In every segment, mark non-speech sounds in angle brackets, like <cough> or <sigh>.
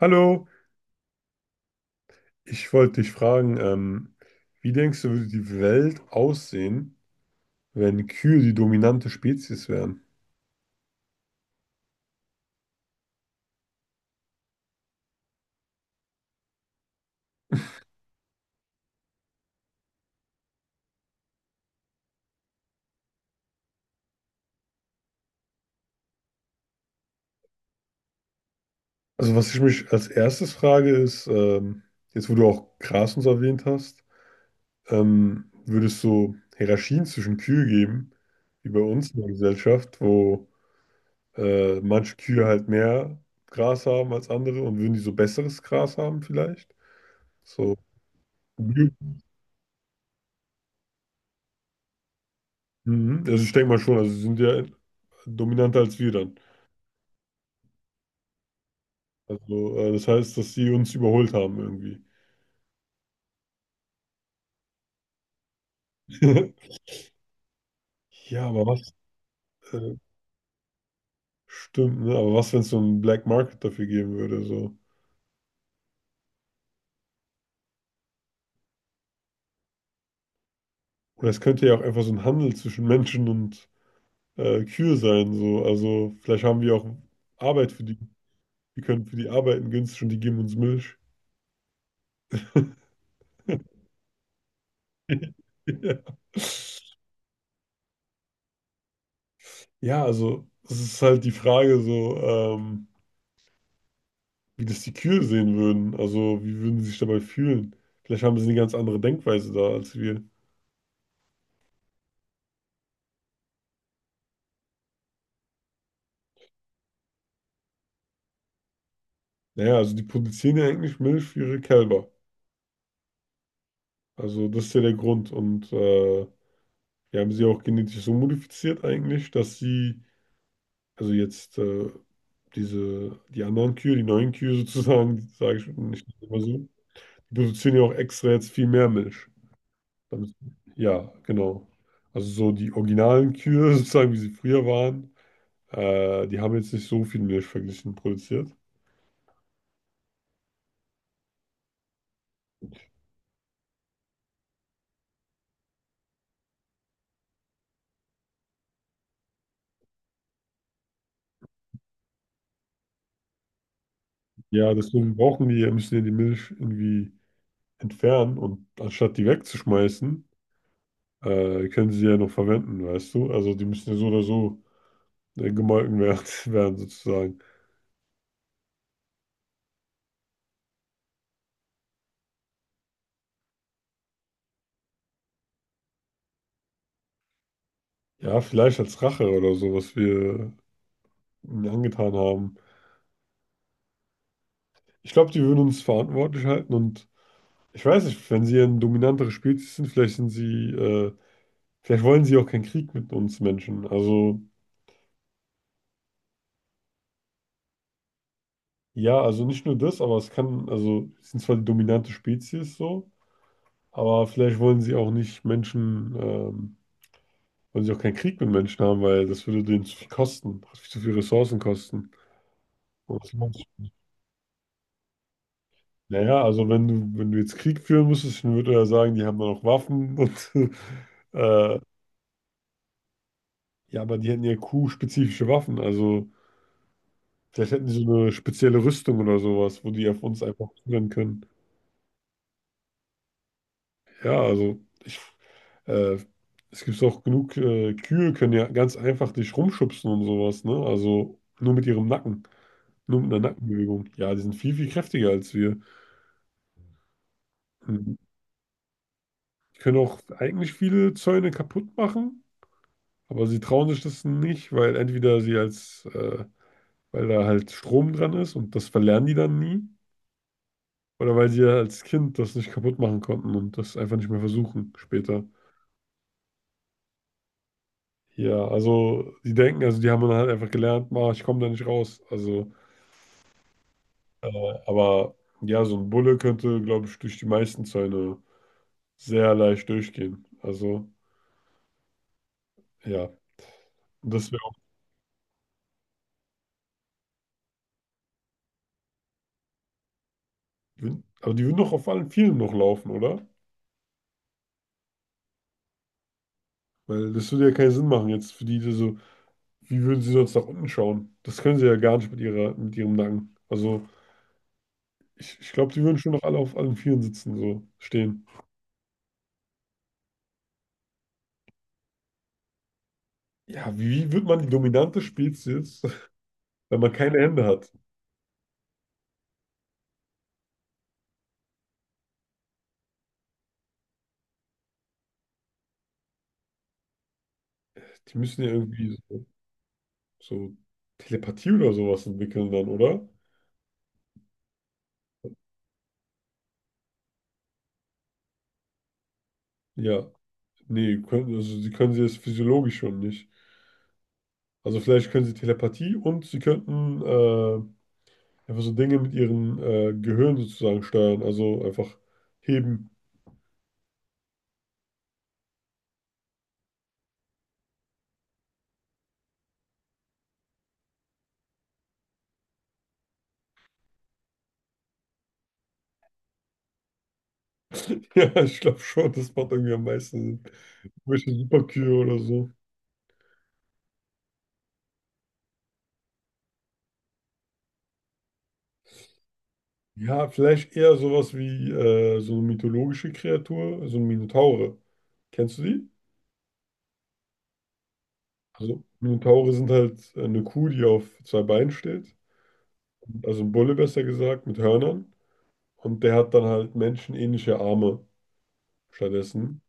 Hallo, ich wollte dich fragen, wie denkst du, würde die Welt aussehen, wenn Kühe die dominante Spezies wären? Also was ich mich als erstes frage ist, jetzt wo du auch Gras und so erwähnt hast, würde es so Hierarchien zwischen Kühe geben, wie bei uns in der Gesellschaft, wo manche Kühe halt mehr Gras haben als andere und würden die so besseres Gras haben vielleicht? So. Mhm. Also ich denke mal schon, also sie sind ja dominanter als wir dann. Also, das heißt, dass sie uns überholt haben irgendwie. <laughs> Ja, aber was, äh, stimmt, ne? Aber was, wenn es so einen Black Market dafür geben würde, so? Oder es könnte ja auch einfach so ein Handel zwischen Menschen und Kühe sein, so. Also, vielleicht haben wir auch Arbeit für die. Die können für die arbeiten günstig und die geben uns Milch. <laughs> Ja. Ja, also es ist halt die Frage so, wie das die Kühe sehen würden. Also wie würden sie sich dabei fühlen? Vielleicht haben sie eine ganz andere Denkweise da als wir. Naja, also die produzieren ja eigentlich Milch für ihre Kälber. Also das ist ja der Grund. Und die haben sie auch genetisch so modifiziert eigentlich, dass sie, also jetzt diese, die anderen Kühe, die neuen Kühe sozusagen, sage ich nicht immer so, die produzieren ja auch extra jetzt viel mehr Milch. Damit, ja, genau. Also so die originalen Kühe <laughs> sozusagen, wie sie früher waren, die haben jetzt nicht so viel Milch verglichen produziert. Ja, deswegen brauchen die, ja, müssen ja die Milch irgendwie entfernen und anstatt die wegzuschmeißen, können sie die ja noch verwenden, weißt du? Also die müssen ja so oder so gemolken werden, <laughs> werden sozusagen. Ja, vielleicht als Rache oder so, was wir ihnen angetan haben. Ich glaube, die würden uns verantwortlich halten und ich weiß nicht, wenn sie ein dominanteres Spezies sind, vielleicht sind sie, vielleicht wollen sie auch keinen Krieg mit uns Menschen. Also ja, also nicht nur das, aber es kann, also sie sind zwar die dominante Spezies so, aber vielleicht wollen sie auch nicht Menschen Wollen sie auch keinen Krieg mit Menschen haben, weil das würde denen zu viel kosten, zu viel Ressourcen kosten. Und das lohnt sich nicht. Naja, also wenn du, wenn du jetzt Krieg führen müsstest, dann würde er ja sagen, die haben dann auch Waffen und <laughs> äh, ja, aber die hätten ja Q-spezifische Waffen. Also vielleicht hätten die so eine spezielle Rüstung oder sowas, wo die auf uns einfach zurennen können. Ja, also ich, äh, es gibt auch genug, Kühe können ja ganz einfach dich rumschubsen und sowas, ne? Also nur mit ihrem Nacken, nur mit einer Nackenbewegung. Ja, die sind viel, viel kräftiger als wir. Mhm. Die können auch eigentlich viele Zäune kaputt machen, aber sie trauen sich das nicht, weil entweder sie als, weil da halt Strom dran ist und das verlernen die dann nie, oder weil sie ja als Kind das nicht kaputt machen konnten und das einfach nicht mehr versuchen später. Ja, also die denken, also die haben dann halt einfach gelernt, ma, ich komme da nicht raus. Also, äh, aber ja, so ein Bulle könnte, glaube ich, durch die meisten Zäune sehr leicht durchgehen. Also, ja, das wäre auch, aber die würden doch auf allen Vieren noch laufen, oder? Weil das würde ja keinen Sinn machen jetzt für die, die so, wie würden sie sonst nach unten schauen? Das können sie ja gar nicht mit ihrer, mit ihrem Nacken. Also ich glaube, die würden schon noch alle auf allen Vieren sitzen, so stehen. Ja, wie wird man die dominante Spezies <laughs> jetzt, wenn man keine Hände hat? Die müssen ja irgendwie so Telepathie oder sowas entwickeln dann, oder? Ja, nee, können, also sie können sie jetzt physiologisch schon nicht. Also vielleicht können sie Telepathie und sie könnten einfach so Dinge mit ihrem Gehirn sozusagen steuern, also einfach heben. Ja, ich glaube schon, das macht irgendwie am meisten Sinn. Welche Superkühe oder so. Ja, vielleicht eher sowas wie so eine mythologische Kreatur, so ein Minotaure. Kennst du die? Also Minotaure sind halt eine Kuh, die auf zwei Beinen steht. Also ein Bulle besser gesagt, mit Hörnern. Und der hat dann halt menschenähnliche Arme stattdessen.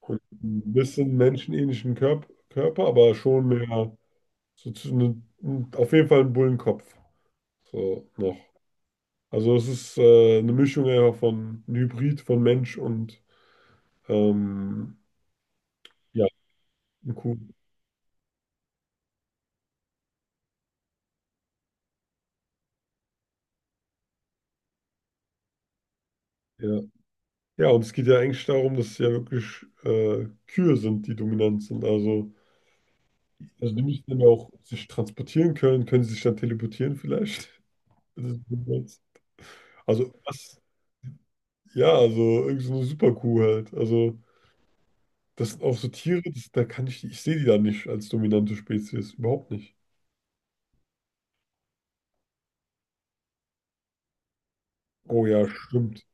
Und ein bisschen menschenähnlichen Körper, aber schon mehr so zu, ne, auf jeden Fall einen Bullenkopf. So noch. Also es ist eine Mischung ja von ein Hybrid von Mensch und ähm, ja, ein Kuh. Ja. Ja, und es geht ja eigentlich darum, dass es ja wirklich Kühe sind, die dominant sind. Also die müssen ja auch sich transportieren können. Können sie sich dann teleportieren vielleicht? <laughs> Das ist niemals- Also was? Ja, also irgend so eine Superkuh halt. Also das sind auch so Tiere, das, da kann ich, ich sehe die da nicht als dominante Spezies. Überhaupt nicht. Oh ja, stimmt.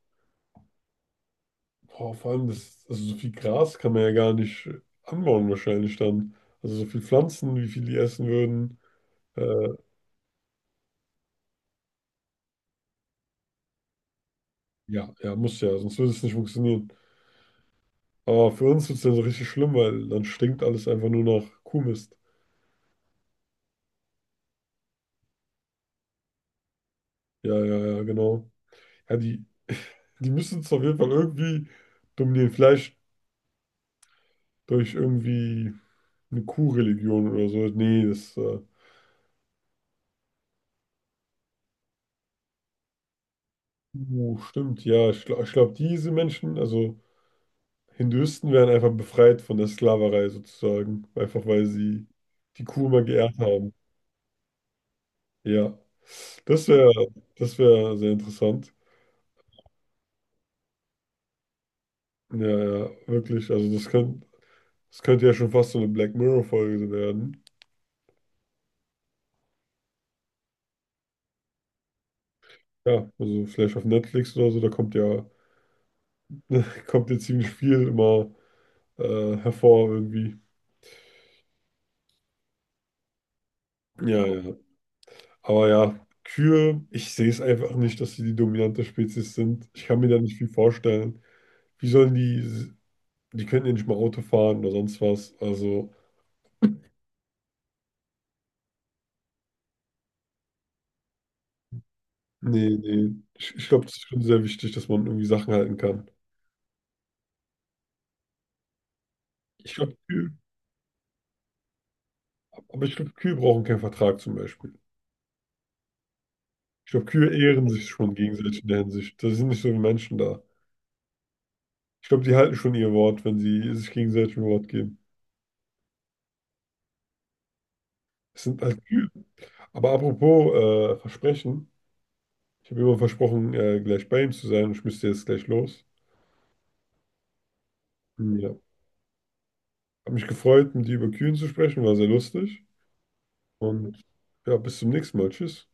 Boah, vor allem, das, also so viel Gras kann man ja gar nicht anbauen wahrscheinlich dann. Also so viel Pflanzen, wie viel die essen würden. Äh, ja, ja, muss ja, sonst würde es nicht funktionieren. Aber für uns wird es dann so richtig schlimm, weil dann stinkt alles einfach nur nach Kuhmist. Ja, ja, ja, genau. Ja, die, <laughs> die müssen es auf jeden Fall irgendwie dominieren. Vielleicht durch irgendwie eine Kuhreligion oder so. Nee, das, stimmt, ja. Ich glaube, diese Menschen, also. Hinduisten wären einfach befreit von der Sklaverei sozusagen, einfach weil sie die Kuh immer geehrt haben. Ja, das wäre das wäre sehr interessant. Ja, ja, wirklich. Also das könnte ja schon fast so eine Black Mirror-Folge so werden. Ja, also vielleicht auf Netflix oder so, da kommt ja, <laughs> kommt ja ziemlich viel immer hervor irgendwie. Ja, ja. Aber ja, Kühe, ich sehe es einfach nicht, dass sie die dominante Spezies sind. Ich kann mir da nicht viel vorstellen. Wie sollen die Die können ja nicht mal Auto fahren oder sonst was. Also, nee, nee. Ich glaube, das ist schon sehr wichtig, dass man irgendwie Sachen halten kann. Ich glaube, Kühe, aber ich glaube, Kühe brauchen keinen Vertrag zum Beispiel. Ich glaube, Kühe ehren sich schon gegenseitig in der Hinsicht. Da sind nicht so wie Menschen da. Ich glaube, die halten schon ihr Wort, wenn sie sich gegenseitig ein Wort geben. Es sind halt Kühe. Aber apropos Versprechen. Ich habe immer versprochen, gleich bei ihm zu sein. Und ich müsste jetzt gleich los. Ja. Habe mich gefreut, mit dir über Kühen zu sprechen. War sehr lustig. Und ja, bis zum nächsten Mal. Tschüss.